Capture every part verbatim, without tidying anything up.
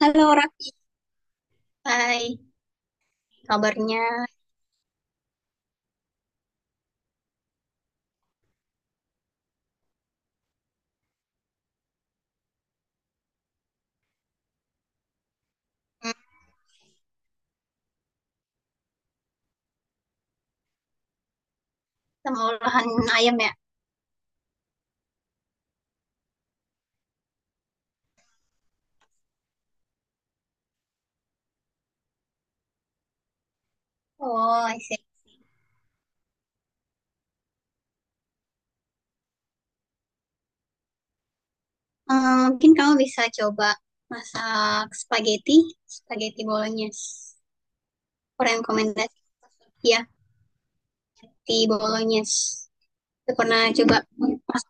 Halo Raki, hai, kabarnya. Hmm, sama olahan ayam ya? Oh, I see. Eh, mungkin kamu bisa coba masak spaghetti, spaghetti bolognese. Rekomendasi, ya, di bolognese. Aku pernah coba masak.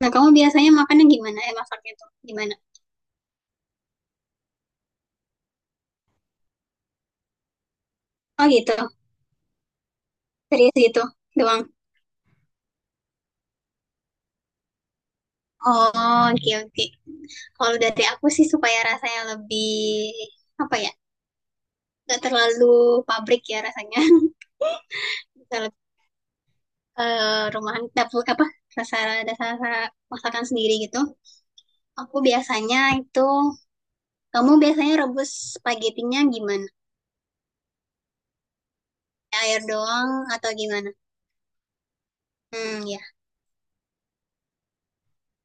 Nah, kamu biasanya makannya gimana? Eh, masaknya tuh gimana? Oh gitu, serius gitu doang. Oh, oke oke. Kalau dari aku sih supaya rasanya lebih, apa ya, gak terlalu pabrik ya rasanya. Bisa eh rumahan, dapur, apa dasar dasar masakan sendiri gitu. Aku biasanya itu kamu biasanya rebus spagetinya gimana? Air doang atau gimana? Hmm, ya.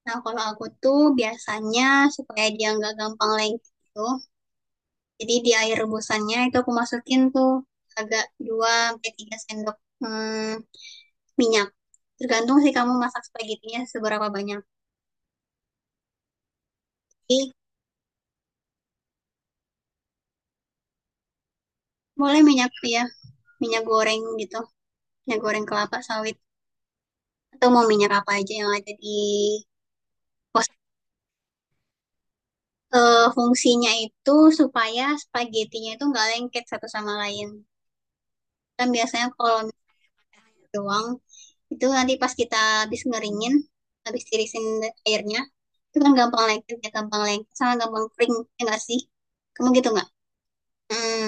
Nah, kalau aku tuh biasanya supaya dia nggak gampang lengket gitu, jadi di air rebusannya itu aku masukin tuh agak dua sampai tiga sendok hmm, minyak. Tergantung sih kamu masak spagetinya seberapa banyak. Jadi boleh minyak ya, minyak goreng gitu, minyak goreng kelapa sawit, atau mau minyak apa aja yang ada di pos. Eh, fungsinya itu supaya spaghettinya itu nggak lengket satu sama lain. Kan biasanya kalau minyak doang itu nanti pas kita habis ngeringin, habis tirisin airnya, itu kan gampang lengket ya, gampang lengket sama gampang kering. Ya nggak sih, kamu gitu nggak? Hmm.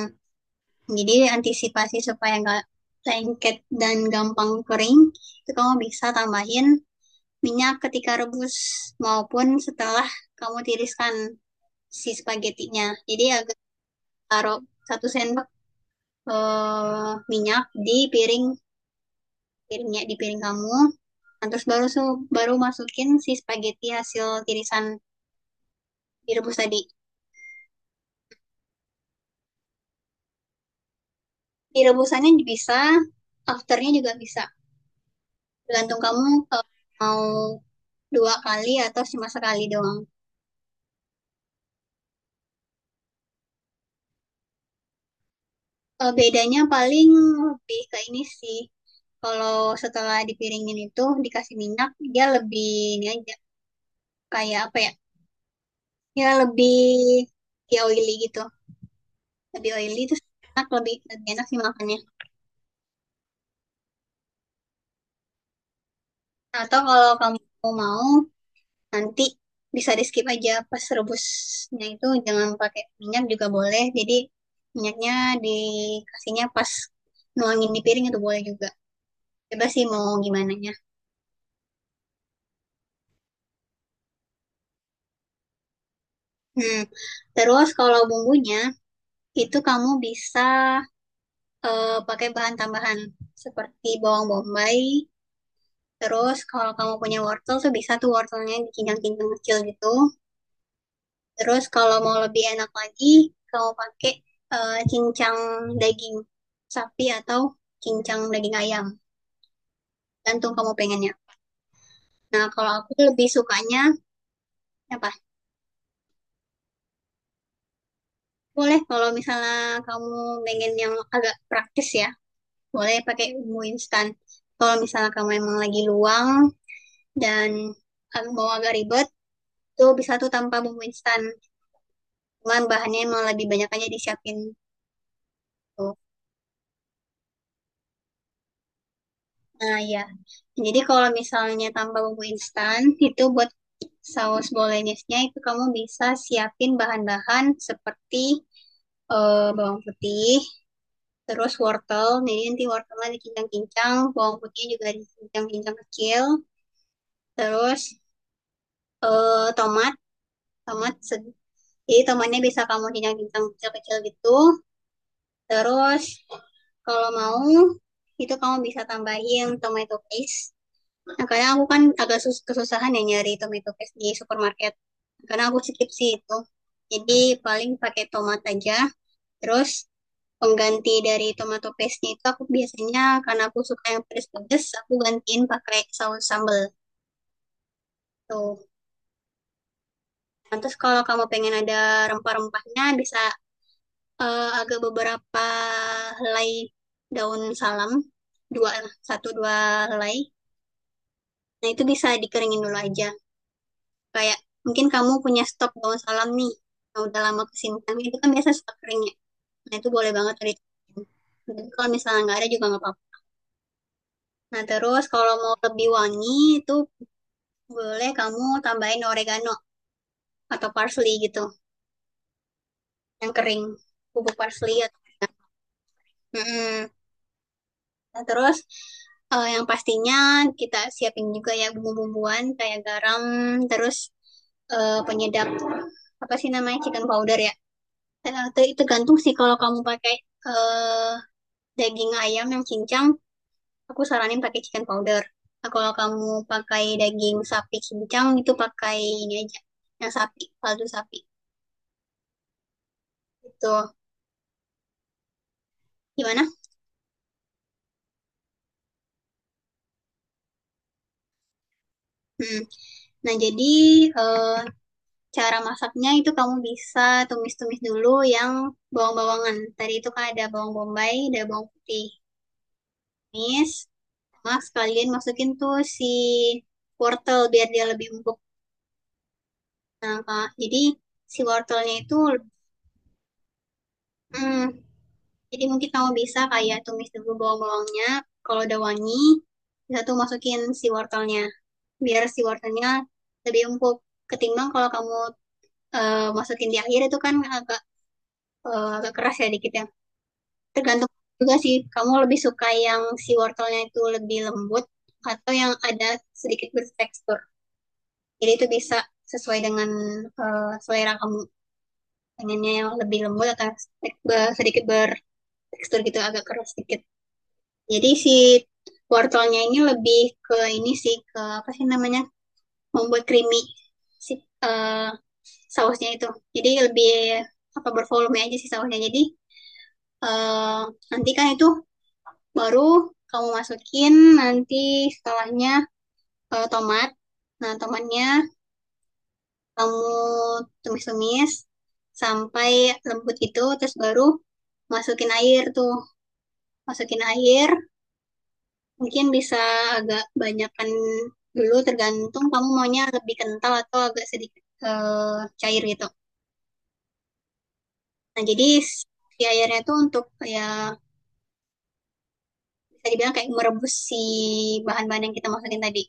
Jadi antisipasi supaya nggak lengket dan gampang kering itu kamu bisa tambahin minyak ketika rebus maupun setelah kamu tiriskan si spaghettinya. Jadi agak taruh satu sendok eh, minyak di piring, piringnya, di piring kamu. Nah, terus baru su- baru masukin si spaghetti hasil tirisan direbus tadi. Direbusannya bisa, afternya juga bisa. Tergantung kamu eh, mau dua kali atau cuma sekali doang. Eh, bedanya paling lebih ke ini sih. Kalau setelah dipiringin itu dikasih minyak, dia lebih ini aja, kayak apa ya? Ya lebih, ya oily gitu. Lebih oily itu enak, lebih, lebih enak sih makannya. Atau kalau kamu mau, nanti bisa di skip aja, pas rebusnya itu jangan pakai minyak juga boleh, jadi minyaknya dikasihnya pas nuangin di piring, itu boleh juga. Bebas sih mau gimana nya. hmm. Terus kalau bumbunya itu kamu bisa eh, pakai bahan tambahan seperti bawang bombay. Terus kalau kamu punya wortel, tuh bisa tuh wortelnya dicincang-cincang kecil gitu. Terus kalau mau lebih enak lagi, kamu pakai eh, cincang daging sapi atau cincang daging ayam, gantung kamu pengennya. Nah, kalau aku lebih sukanya apa? Boleh kalau misalnya kamu pengen yang agak praktis ya, boleh pakai bumbu instan. Kalau misalnya kamu emang lagi luang dan ag- mau agak ribet, tuh bisa tuh tanpa bumbu instan. Cuman bahannya emang lebih banyak aja disiapin. Tuh. Nah, ya. Jadi kalau misalnya tambah bumbu instan, itu buat saus bolognese-nya itu kamu bisa siapin bahan-bahan seperti eh, bawang putih, terus wortel. Jadi nanti wortelnya dikincang-kincang, bawang putihnya juga dikincang-kincang kecil, terus eh, tomat, tomat se- jadi tomatnya bisa kamu kincang-kincang kecil-kecil gitu. Terus kalau mau, itu kamu bisa tambahin tomato paste. Nah, karena aku kan agak sus- kesusahan ya nyari tomato paste di supermarket. Karena aku skip sih itu. Jadi paling pakai tomat aja. Terus pengganti dari tomato paste itu, aku biasanya karena aku suka yang pedes-pedes, aku gantiin pakai saus sambal. Tuh. Nah, terus kalau kamu pengen ada rempah-rempahnya, bisa eh, agak beberapa helai daun salam, dua, satu dua helai. Nah, itu bisa dikeringin dulu aja, kayak mungkin kamu punya stok daun salam nih yang udah lama kesimpan. Itu kan biasa stok kering ya, nah itu boleh banget tuh dicobain. Jadi kalau misalnya nggak ada juga nggak apa-apa. Nah, terus kalau mau lebih wangi, itu boleh kamu tambahin oregano atau parsley gitu, yang kering, bubuk parsley atau. Mm-mm. Nah, terus eh, yang pastinya kita siapin juga ya, bumbu-bumbuan kayak garam, terus eh, penyedap, apa sih namanya, chicken powder ya. Eh, te- tergantung sih, kalau kamu pakai eh, daging ayam yang cincang, aku saranin pakai chicken powder. Nah, kalau kamu pakai daging sapi cincang, itu pakai ini aja, yang sapi, kaldu sapi. Itu gimana? Hmm. Nah, jadi eh, cara masaknya itu kamu bisa tumis-tumis dulu yang bawang-bawangan. Tadi itu kan ada bawang bombay, ada bawang putih. Tumis, sama sekalian masukin tuh si wortel biar dia lebih empuk. Kak. Jadi si wortelnya itu, hmm, jadi mungkin kamu bisa kayak tumis dulu bawang-bawangnya. Kalau udah wangi, bisa tuh masukin si wortelnya. Biar si wortelnya lebih empuk. Ketimbang kalau kamu eh, masukin di akhir, itu kan agak eh, agak keras ya dikit ya. Tergantung juga sih, kamu lebih suka yang si wortelnya itu lebih lembut atau yang ada sedikit bertekstur. Jadi itu bisa sesuai dengan eh, selera kamu, pengennya yang lebih lembut atau sedikit ber tekstur gitu, agak keras sedikit. Jadi si wortelnya ini lebih ke ini sih, ke apa sih namanya, membuat creamy si eh, sausnya itu. Jadi lebih apa, bervolume aja sih sausnya. Jadi eh, nanti kan itu baru kamu masukin, nanti setelahnya eh, tomat. Nah, tomatnya kamu tumis-tumis sampai lembut gitu, terus baru masukin air tuh, masukin air. Mungkin bisa agak banyakan dulu, tergantung kamu maunya lebih kental atau agak sedikit eh, cair gitu. Nah, jadi si airnya itu untuk, ya bisa dibilang kayak merebus si bahan-bahan yang kita masukin tadi.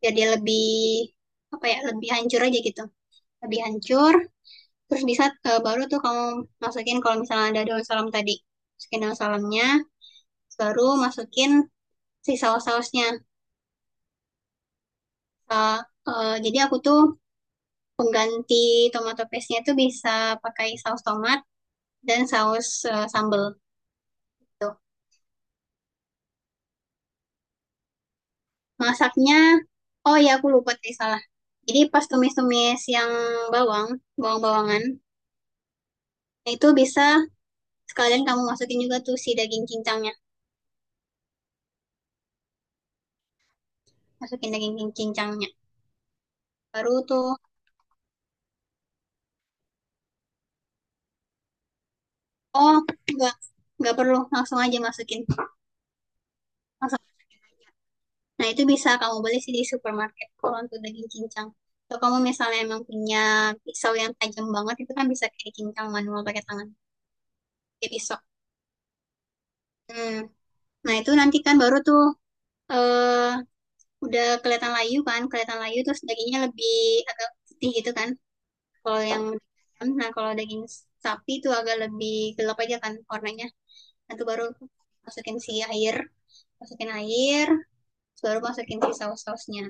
Biar dia lebih apa ya, lebih hancur aja gitu. Lebih hancur, terus bisa eh, baru tuh kamu masukin, kalau misalnya ada daun salam tadi. Masukin daun salamnya, baru masukin si saus-sausnya. Eh, eh, jadi aku tuh, pengganti tomato paste-nya itu bisa pakai saus tomat dan saus eh, sambal gitu. Masaknya, oh ya aku lupa tadi salah. Jadi pas tumis-tumis yang bawang, bawang-bawangan, itu bisa sekalian kamu masukin juga tuh si daging cincangnya. Masukin daging cincangnya. Baru tuh, oh enggak, enggak perlu, langsung aja masukin. Langsung. Nah, itu bisa kamu beli sih di supermarket kalau untuk daging cincang. Kalau kamu misalnya emang punya pisau yang tajam banget, itu kan bisa kayak cincang manual pakai tangan, kayak pisau. Hmm. Nah, itu nanti kan baru tuh, eh udah kelihatan layu kan, kelihatan layu, terus dagingnya lebih agak putih gitu kan. Kalau yang nah kalau daging sapi itu agak lebih gelap aja kan warnanya. Nah, itu baru masukin si air, masukin air, terus baru masukin si saus-sausnya.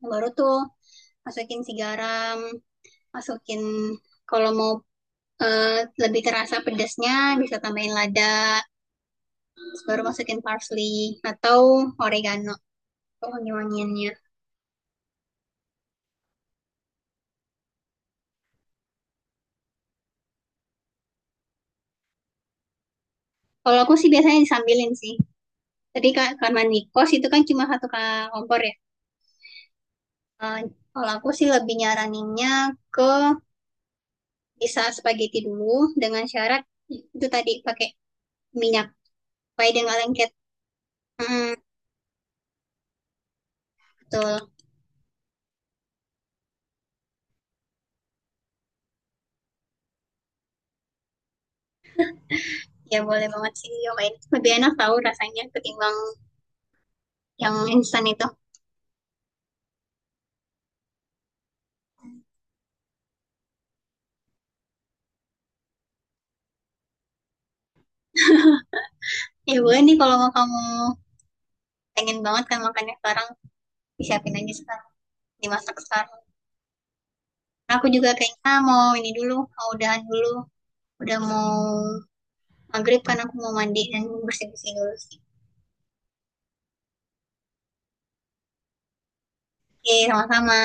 Nah, baru tuh masukin si garam, masukin kalau mau eh, lebih terasa pedasnya, bisa tambahin lada, terus baru masukin parsley atau oregano. Oh, wangi-wangiannya. Kalau aku sih biasanya disambilin sih. Tadi kan karena nikos itu kan cuma satu ka- kompor ya. Eh, kalau aku sih lebih nyaraninnya ke, bisa spaghetti dulu dengan syarat itu tadi pakai minyak supaya dia nggak lengket. Hmm, betul. Ya boleh banget sih diomelin. Lebih enak tahu rasanya ketimbang yang instan itu. Ya boleh nih, kalau kamu pengen banget kan makannya sekarang, disiapin aja sekarang, dimasak sekarang. Aku juga kayaknya mau ini dulu, mau udahan dulu, udah mau maghrib, kan aku mau mandi dan bersih-bersih dulu sih. Oke, sama-sama.